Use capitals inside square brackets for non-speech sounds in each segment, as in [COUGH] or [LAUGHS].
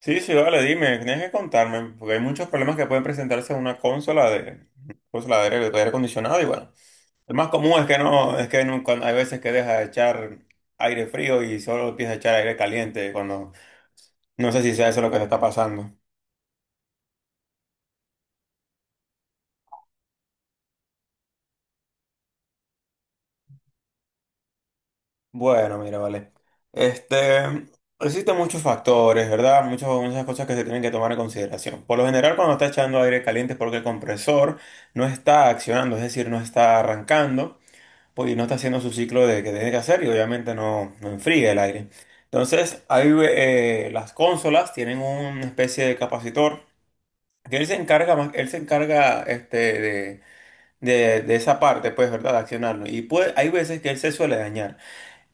Sí, sí, vale, dime, tienes que contarme, porque hay muchos problemas que pueden presentarse en una consola de aire acondicionado y bueno, el más común es que no, es que hay veces que deja de echar aire frío y solo empieza a echar aire caliente cuando, no sé si sea eso lo que te está pasando. Bueno, mira, vale. Este, existen muchos factores, ¿verdad? Muchas, muchas cosas que se tienen que tomar en consideración. Por lo general, cuando está echando aire caliente es porque el compresor no está accionando, es decir, no está arrancando. Pues no está haciendo su ciclo de que tiene que hacer y obviamente no, no enfría el aire. Entonces, ahí las consolas tienen una especie de capacitor que él se encarga más, él se encarga de esa parte, pues, ¿verdad? De accionarlo. Y pues hay veces que él se suele dañar.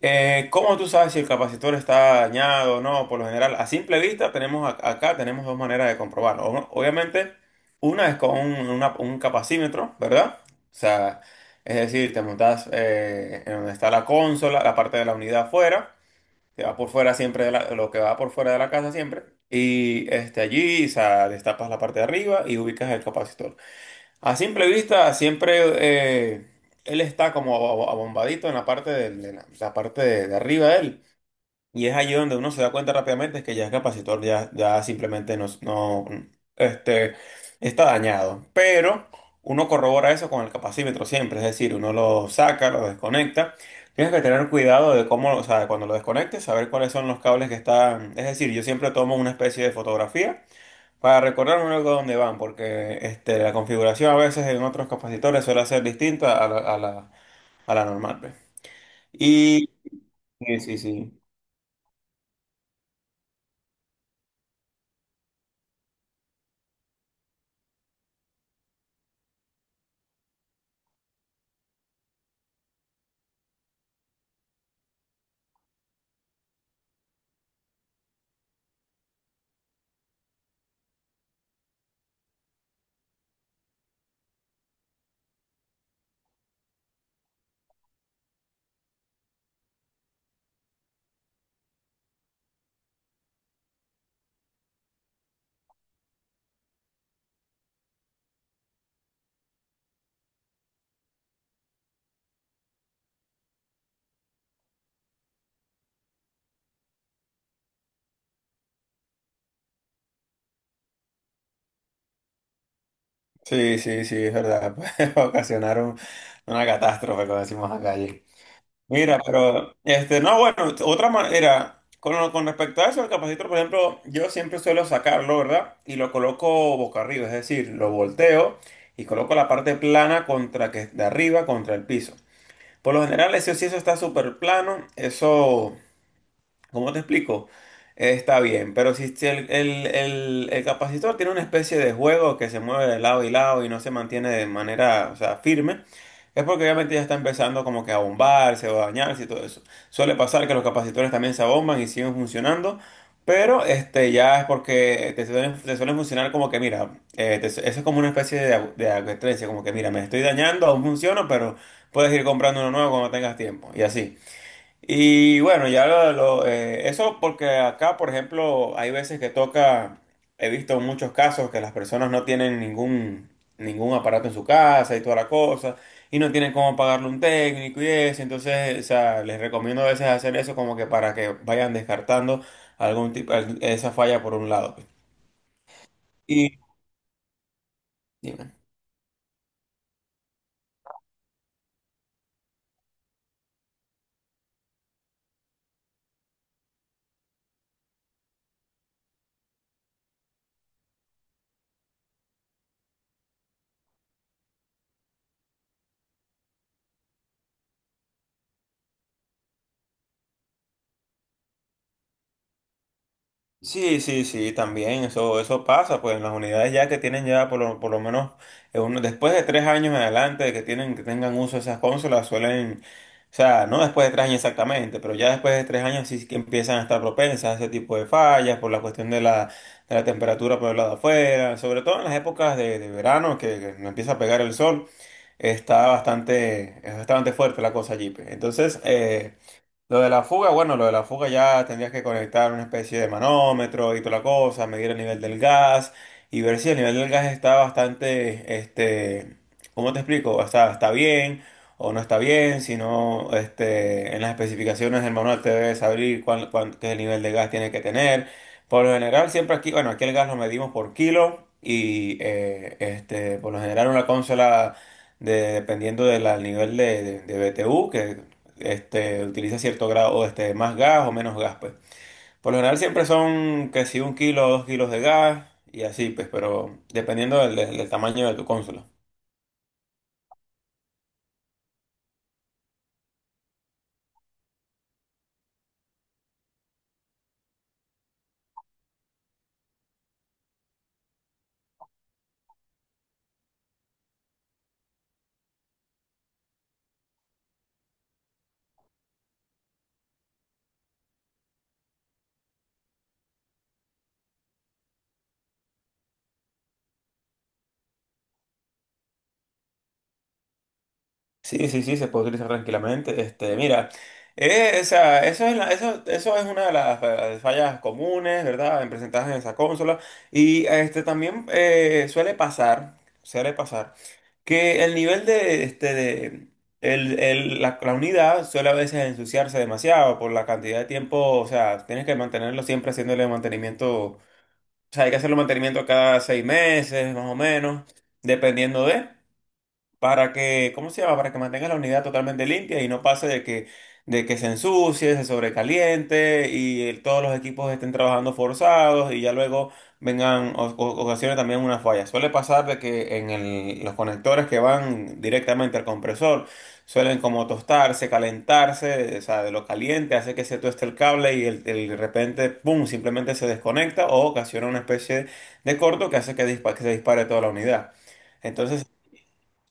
¿Cómo tú sabes si el capacitor está dañado o no? Por lo general, a simple vista, tenemos acá tenemos 2 maneras de comprobarlo. Obviamente, una es con un capacímetro, ¿verdad? O sea, es decir, te montas en donde está la consola, la parte de la unidad afuera, que va por fuera siempre, de lo que va por fuera de la casa siempre. Y este, allí, o sea, destapas la parte de arriba y ubicas el capacitor. A simple vista, siempre eh, él está como abombadito en la parte de la, la parte de arriba de él. Y es allí donde uno se da cuenta rápidamente que ya es capacitor, ya, ya simplemente no, este, está dañado. Pero uno corrobora eso con el capacímetro siempre, es decir, uno lo saca, lo desconecta. Tienes que tener cuidado de cómo, o sea, cuando lo desconectes, saber cuáles son los cables que están. Es decir, yo siempre tomo una especie de fotografía para recordarme luego dónde van, porque este, la configuración a veces en otros capacitores suele ser distinta a a la normal. Pues. Y sí, sí, sí, sí, sí, sí, es verdad. [LAUGHS] Puede ocasionar una catástrofe, como decimos acá allí. Mira, pero, este, no, bueno, otra manera, con respecto a eso, el capacitor, por ejemplo, yo siempre suelo sacarlo, ¿verdad? Y lo coloco boca arriba, es decir, lo volteo y coloco la parte plana contra que, de arriba contra el piso. Por lo general, ese sí, eso está súper plano. Eso, ¿cómo te explico? Está bien, pero si, si el, el capacitor tiene una especie de juego que se mueve de lado y lado y no se mantiene de manera, o sea, firme, es porque obviamente ya está empezando como que a bombarse o a dañarse y todo eso. Suele pasar que los capacitores también se abomban y siguen funcionando, pero este ya es porque te suelen funcionar como que, mira, eso es como una especie de, de advertencia, como que, mira, me estoy dañando, aún funciona, pero puedes ir comprando uno nuevo cuando tengas tiempo, y así. Y bueno, eso porque acá, por ejemplo, hay veces que toca, he visto muchos casos que las personas no tienen ningún, ningún aparato en su casa y toda la cosa, y no tienen cómo pagarle un técnico y eso, entonces, o sea, les recomiendo a veces hacer eso como que para que vayan descartando algún tipo, esa falla por un lado. Pues. Y, Sí, sí, sí, también eso pasa, pues en las unidades ya que tienen ya por por lo menos después de 3 años en adelante de que tienen, que tengan uso esas consolas suelen, o sea, no después de 3 años exactamente, pero ya después de 3 años sí que empiezan a estar propensas a ese tipo de fallas por la cuestión de la temperatura por el lado de afuera, sobre todo en las épocas de verano que no empieza a pegar el sol, está bastante, es bastante fuerte la cosa allí. Pues. Entonces, lo de la fuga, bueno, lo de la fuga ya tendrías que conectar una especie de manómetro y toda la cosa, medir el nivel del gas y ver si el nivel del gas está bastante, este, ¿cómo te explico? O sea, está bien o no está bien, si no, este, en las especificaciones del manual te debes saber qué nivel de gas tiene que tener. Por lo general, siempre aquí, bueno, aquí el gas lo medimos por kilo y, este, por lo general una consola dependiendo del nivel de BTU, que este, utiliza cierto grado, este, más gas o menos gas, pues. Por lo general siempre son que si un kilo o dos kilos de gas y así, pues, pero dependiendo tamaño de tu consola. Sí, sí, sí, se puede utilizar tranquilamente. Este, mira, o sea, eso, eso es una de las fallas comunes, ¿verdad? En presentadas en esa consola. Y este, también suele pasar, que el nivel de, este, la, la unidad suele a veces ensuciarse demasiado por la cantidad de tiempo, o sea, tienes que mantenerlo siempre haciéndole mantenimiento, o sea, hay que hacerle mantenimiento cada 6 meses, más o menos, dependiendo de para que, ¿cómo se llama? Para que mantenga la unidad totalmente limpia y no pase de que se ensucie, se sobrecaliente y todos los equipos estén trabajando forzados y ya luego vengan ocasiones también una falla. Suele pasar de que en los conectores que van directamente al compresor suelen como tostarse, calentarse, o sea, de lo caliente hace que se tueste el cable y de repente, ¡pum!, simplemente se desconecta o ocasiona una especie de corto que hace que, que se dispare toda la unidad. Entonces,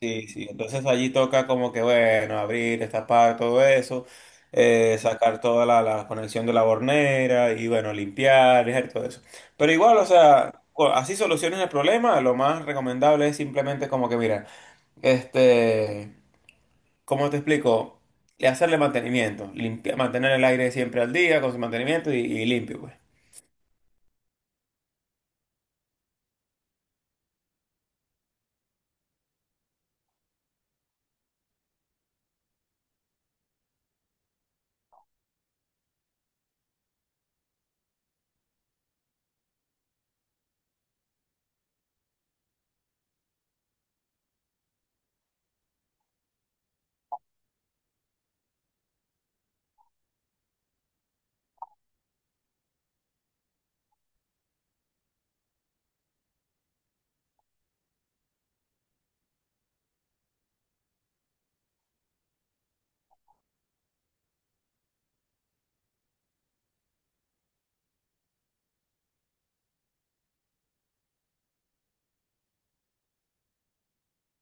sí, sí, entonces allí toca como que, bueno, abrir, destapar todo eso, sacar toda la conexión de la bornera y, bueno, limpiar, dejar todo eso. Pero igual, o sea, así soluciones el problema, lo más recomendable es simplemente como que, mira, este, ¿cómo te explico? Hacerle mantenimiento, mantener el aire siempre al día con su mantenimiento y limpio, pues.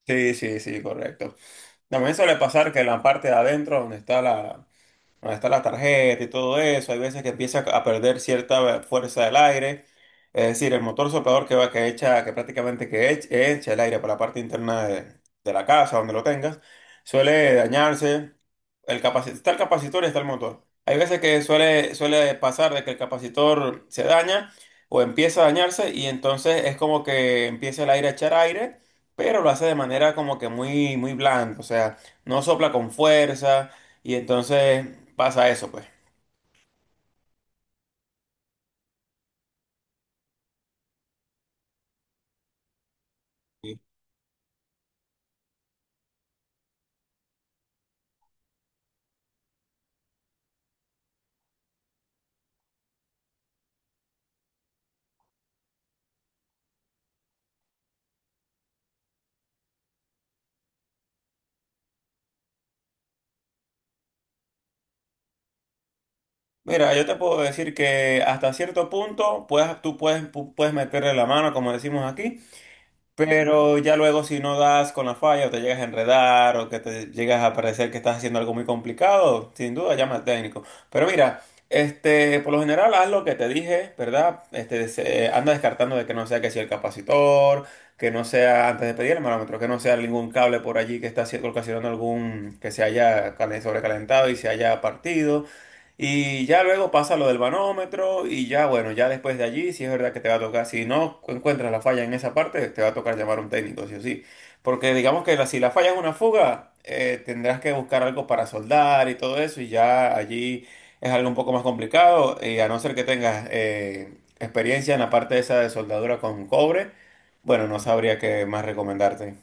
Sí, sí, sí, correcto. También suele pasar que la parte de adentro, donde está donde está la tarjeta y todo eso, hay veces que empieza a perder cierta fuerza del aire, es decir, el motor soplador que va, que echa, que prácticamente que echa el aire para la parte interna de la casa, donde lo tengas, suele dañarse, el capacitor, está el capacitor y está el motor. Hay veces que suele, suele pasar de que el capacitor se daña o empieza a dañarse y entonces es como que empieza el aire a echar aire, pero lo hace de manera como que muy, muy blanda, o sea, no sopla con fuerza y entonces pasa eso, pues. Sí. Mira, yo te puedo decir que hasta cierto punto puedes, tú puedes, puedes meterle la mano, como decimos aquí. Pero ya luego si no das con la falla o te llegas a enredar o que te llegas a parecer que estás haciendo algo muy complicado, sin duda llama al técnico. Pero mira, este, por lo general haz lo que te dije, ¿verdad? Este, anda descartando de que no sea que sea el capacitor, que no sea antes de pedir el manómetro, que no sea ningún cable por allí que está ocasionando algún que se haya sobrecalentado y se haya partido. Y ya luego pasa lo del manómetro y ya, bueno, ya después de allí, si es verdad que te va a tocar, si no encuentras la falla en esa parte, te va a tocar llamar a un técnico, sí o sí. Porque digamos que si la falla es una fuga, tendrás que buscar algo para soldar y todo eso y ya allí es algo un poco más complicado y a no ser que tengas experiencia en la parte esa de soldadura con cobre, bueno, no sabría qué más recomendarte.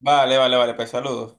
Vale, vale, vale, pues saludos.